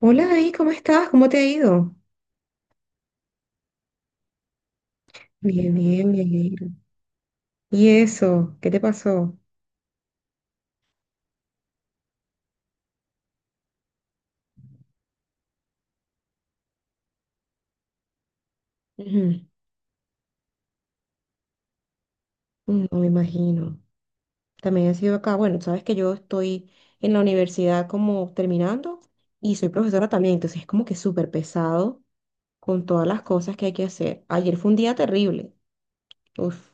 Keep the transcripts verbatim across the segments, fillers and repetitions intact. Hola David, ¿cómo estás? ¿Cómo te ha ido? Bien, bien, me alegro. ¿Y eso? ¿Qué te pasó? Ujú. No me imagino. También he sido acá. Bueno, sabes que yo estoy en la universidad como terminando y soy profesora también, entonces es como que súper pesado con todas las cosas que hay que hacer. Ayer fue un día terrible. Uf.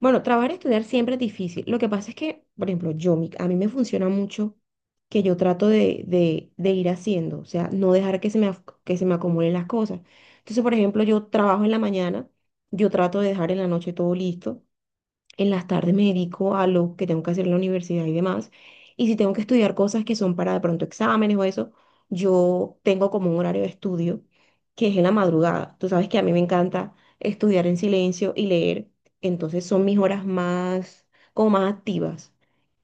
Bueno, trabajar y estudiar siempre es difícil. Lo que pasa es que, por ejemplo, yo, mi- a mí me funciona mucho que yo trato de, de- de ir haciendo, o sea, no dejar que se me, ac- que se me acumulen las cosas. Entonces, por ejemplo, yo trabajo en la mañana, yo trato de dejar en la noche todo listo en las tardes me dedico a lo que tengo que hacer en la universidad y demás. Y si tengo que estudiar cosas que son para de pronto exámenes o eso, yo tengo como un horario de estudio que es en la madrugada. Tú sabes que a mí me encanta estudiar en silencio y leer. Entonces son mis horas más, como más activas.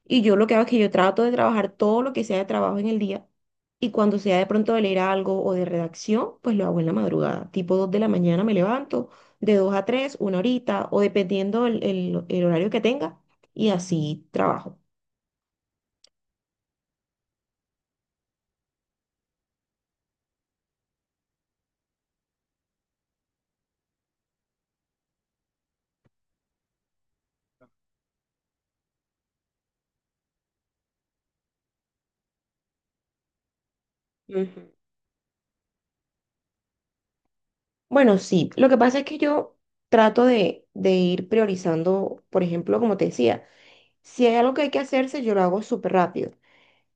Y yo lo que hago es que yo trato de trabajar todo lo que sea de trabajo en el día. Y cuando sea de pronto de leer algo o de redacción, pues lo hago en la madrugada. Tipo dos de la mañana me levanto de dos a tres una horita, o dependiendo el, el- el horario que tenga, y así trabajo. Ujú. Bueno, sí, lo que pasa es que yo trato de, de ir priorizando, por ejemplo, como te decía, si hay algo que hay que hacerse, yo lo hago súper rápido.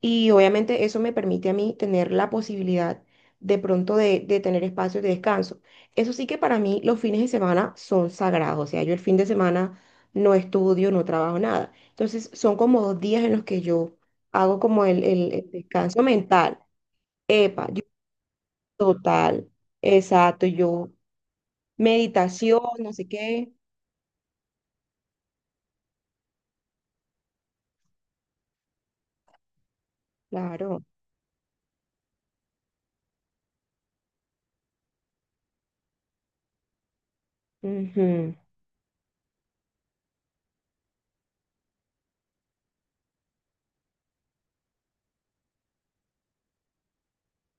Y obviamente eso me permite a mí tener la posibilidad de pronto de, de tener espacios de descanso. Eso sí que para mí los fines de semana son sagrados. O sea, yo el fin de semana no estudio, no trabajo nada. Entonces son como dos días en los que yo hago como el, el- el descanso mental. Epa, yo total, exacto, yo meditación, no sé qué. Claro, ujú,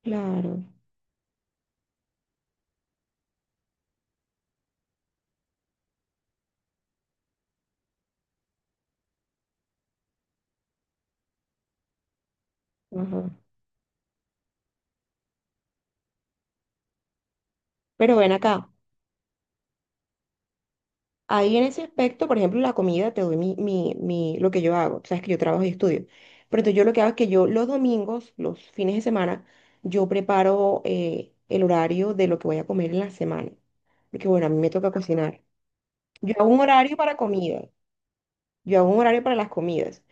claro. Ajá. Pero ven acá. Ahí en ese aspecto, por ejemplo, la comida, te doy mi, mi, mi, lo que yo hago. Sabes que yo trabajo y estudio. Pero entonces yo lo que hago es que yo los domingos, los fines de semana, yo preparo eh, el horario de lo que voy a comer en la semana. Porque bueno, a mí me toca cocinar. Yo hago un horario para comida. Yo hago un horario para las comidas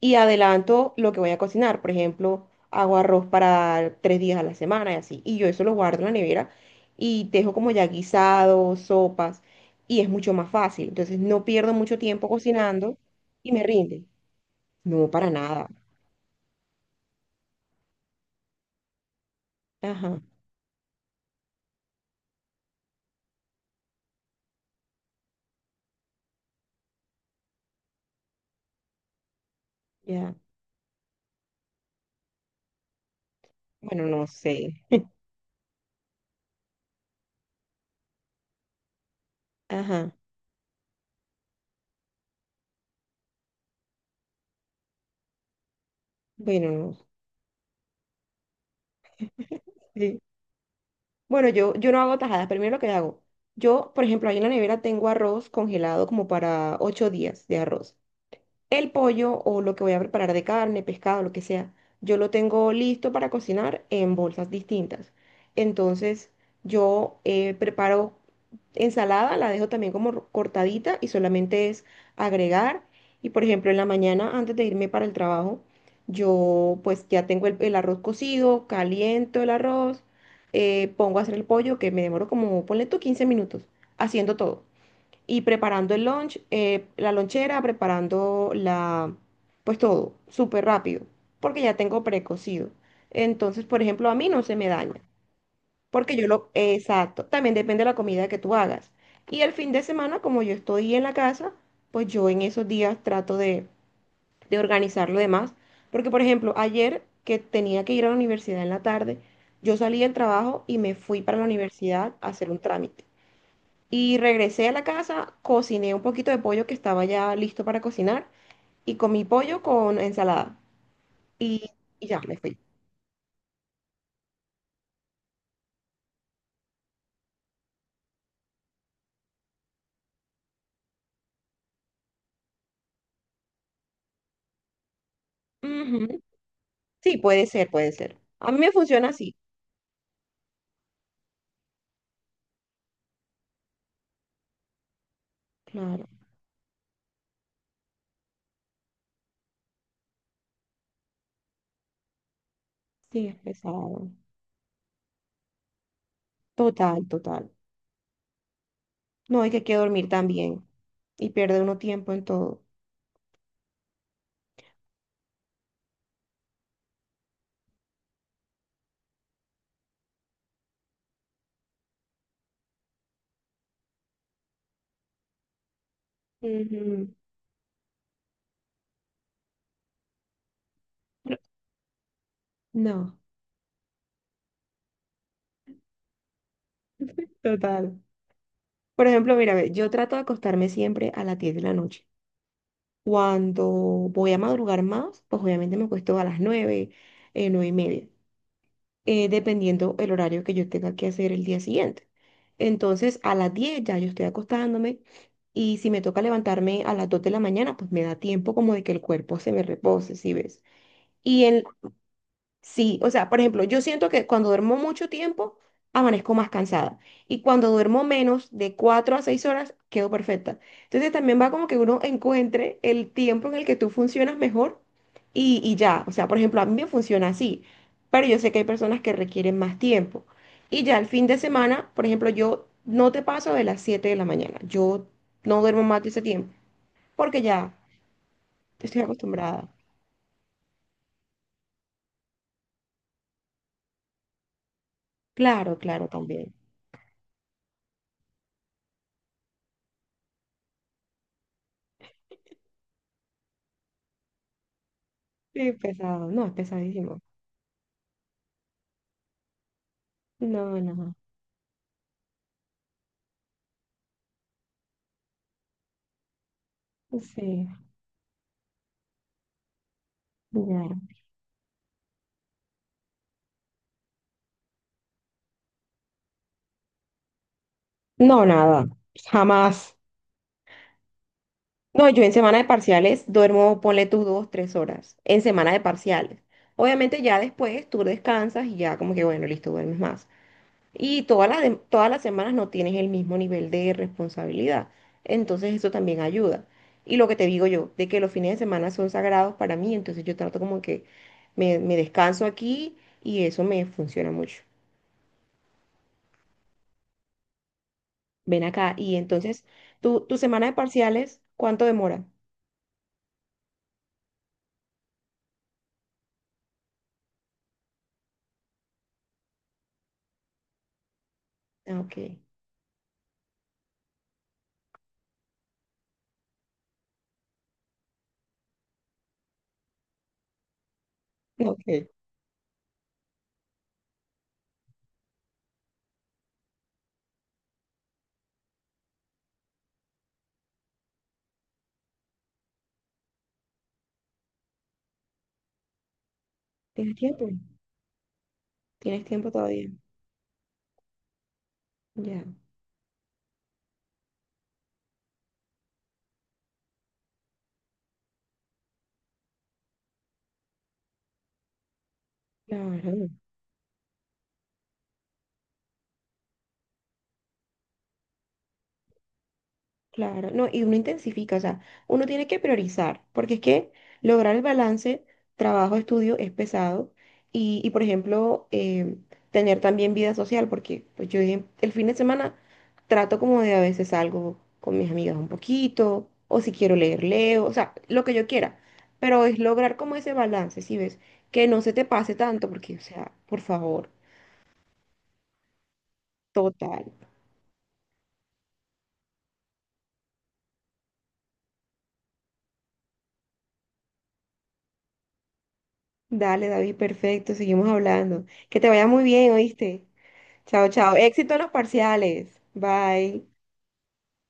y adelanto lo que voy a cocinar. Por ejemplo, hago arroz para tres días a la semana y así. Y yo eso lo guardo en la nevera y dejo como ya guisados, sopas y es mucho más fácil. Entonces no pierdo mucho tiempo cocinando y me rinde. No, para nada. Ajá, ya. Bueno, no sé. Ajá, bueno, no sé. Bueno, yo, yo no hago tajadas. Pero mira lo que hago. Yo, por ejemplo, ahí en la nevera tengo arroz congelado como para ocho días de arroz. El pollo o lo que voy a preparar de carne, pescado, lo que sea, yo lo tengo listo para cocinar en bolsas distintas. Entonces, yo eh, preparo ensalada, la dejo también como ro- cortadita y solamente es agregar. Y por ejemplo, en la mañana, antes de irme para el trabajo, yo pues ya tengo el, el arroz cocido, caliento el arroz, eh, pongo a hacer el pollo, que me demoro como, ponle tú quince minutos, haciendo todo y preparando el lunch, eh, la lonchera, preparando la, pues todo, súper rápido, porque ya tengo precocido. Entonces, por ejemplo, a mí no se me daña, porque yo lo, exacto, también depende de la comida que tú hagas. Y el fin de semana, como yo estoy en la casa, pues yo en esos días trato de, de organizar lo demás, porque por ejemplo, ayer que tenía que ir a la universidad en la tarde, yo salí del trabajo y me fui para la universidad a hacer un trámite. Y regresé a la casa, cociné un poquito de pollo que estaba ya listo para cocinar y comí pollo con ensalada. Y, y ya me fui. Ujú. Sí, puede ser, puede ser. A mí me funciona así. Claro, sí, es pesado. Total, total. No, hay que hay que dormir también. Y pierde uno tiempo en todo. Ujú. Pero- No, total. Por ejemplo, mira, ve, yo trato de acostarme siempre a las diez de la noche. Cuando voy a madrugar más, pues obviamente me acuesto a las nueve eh, nueve y media. Eh, dependiendo el horario que yo tenga que hacer el día siguiente. Entonces, a las diez ya yo estoy acostándome y si me toca levantarme a las dos de la mañana, pues me da tiempo como de que el cuerpo se me repose, ¿si ves? Y en, Sí, o sea, por ejemplo, yo siento que cuando duermo mucho tiempo, amanezco más cansada. Y cuando duermo menos de cuatro a seis horas, quedo perfecta. Entonces también va como que uno encuentre el tiempo en el que tú funcionas mejor y, y ya. O sea, por ejemplo, a mí me funciona así, pero yo sé que hay personas que requieren más tiempo. Y ya el fin de semana, por ejemplo, yo no te paso de las siete de la mañana. Yo no duermo más de ese tiempo porque ya estoy acostumbrada. Claro, claro, también. Sí, pesado. No, es pesadísimo. No, no, sí, claro. No, nada, jamás. No, yo en semana de parciales duermo, ponle tus dos, tres horas, en semana de parciales. Obviamente ya después tú descansas y ya como que, bueno, listo, duermes más. Y todas las, dem- todas las semanas no tienes el mismo nivel de responsabilidad. Entonces eso también ayuda. Y lo que te digo yo, de que los fines de semana son sagrados para mí, entonces yo trato como que me, me descanso aquí y eso me funciona mucho. Ven acá. Y entonces, ¿tu, tu semana de parciales, cuánto demora? Ah, Ok. Ok. ¿Tienes tiempo? ¿Tienes tiempo todavía? Ya. Claro. Claro, no, y uno intensifica, o sea, uno tiene que priorizar, porque es que lograr el balance trabajo-estudio es pesado y, y, por ejemplo, eh, tener también vida social, porque pues yo en- el fin de semana trato como de a veces salgo con mis amigas un poquito, o si quiero leer, leo, o sea, lo que yo quiera, pero es lograr como ese balance, ¿si ves? Que no se te pase tanto, porque, o sea, por favor, total. Dale, David, perfecto, seguimos hablando. Que te vaya muy bien, ¿oíste? Chao, chao. Éxito en los parciales. Bye.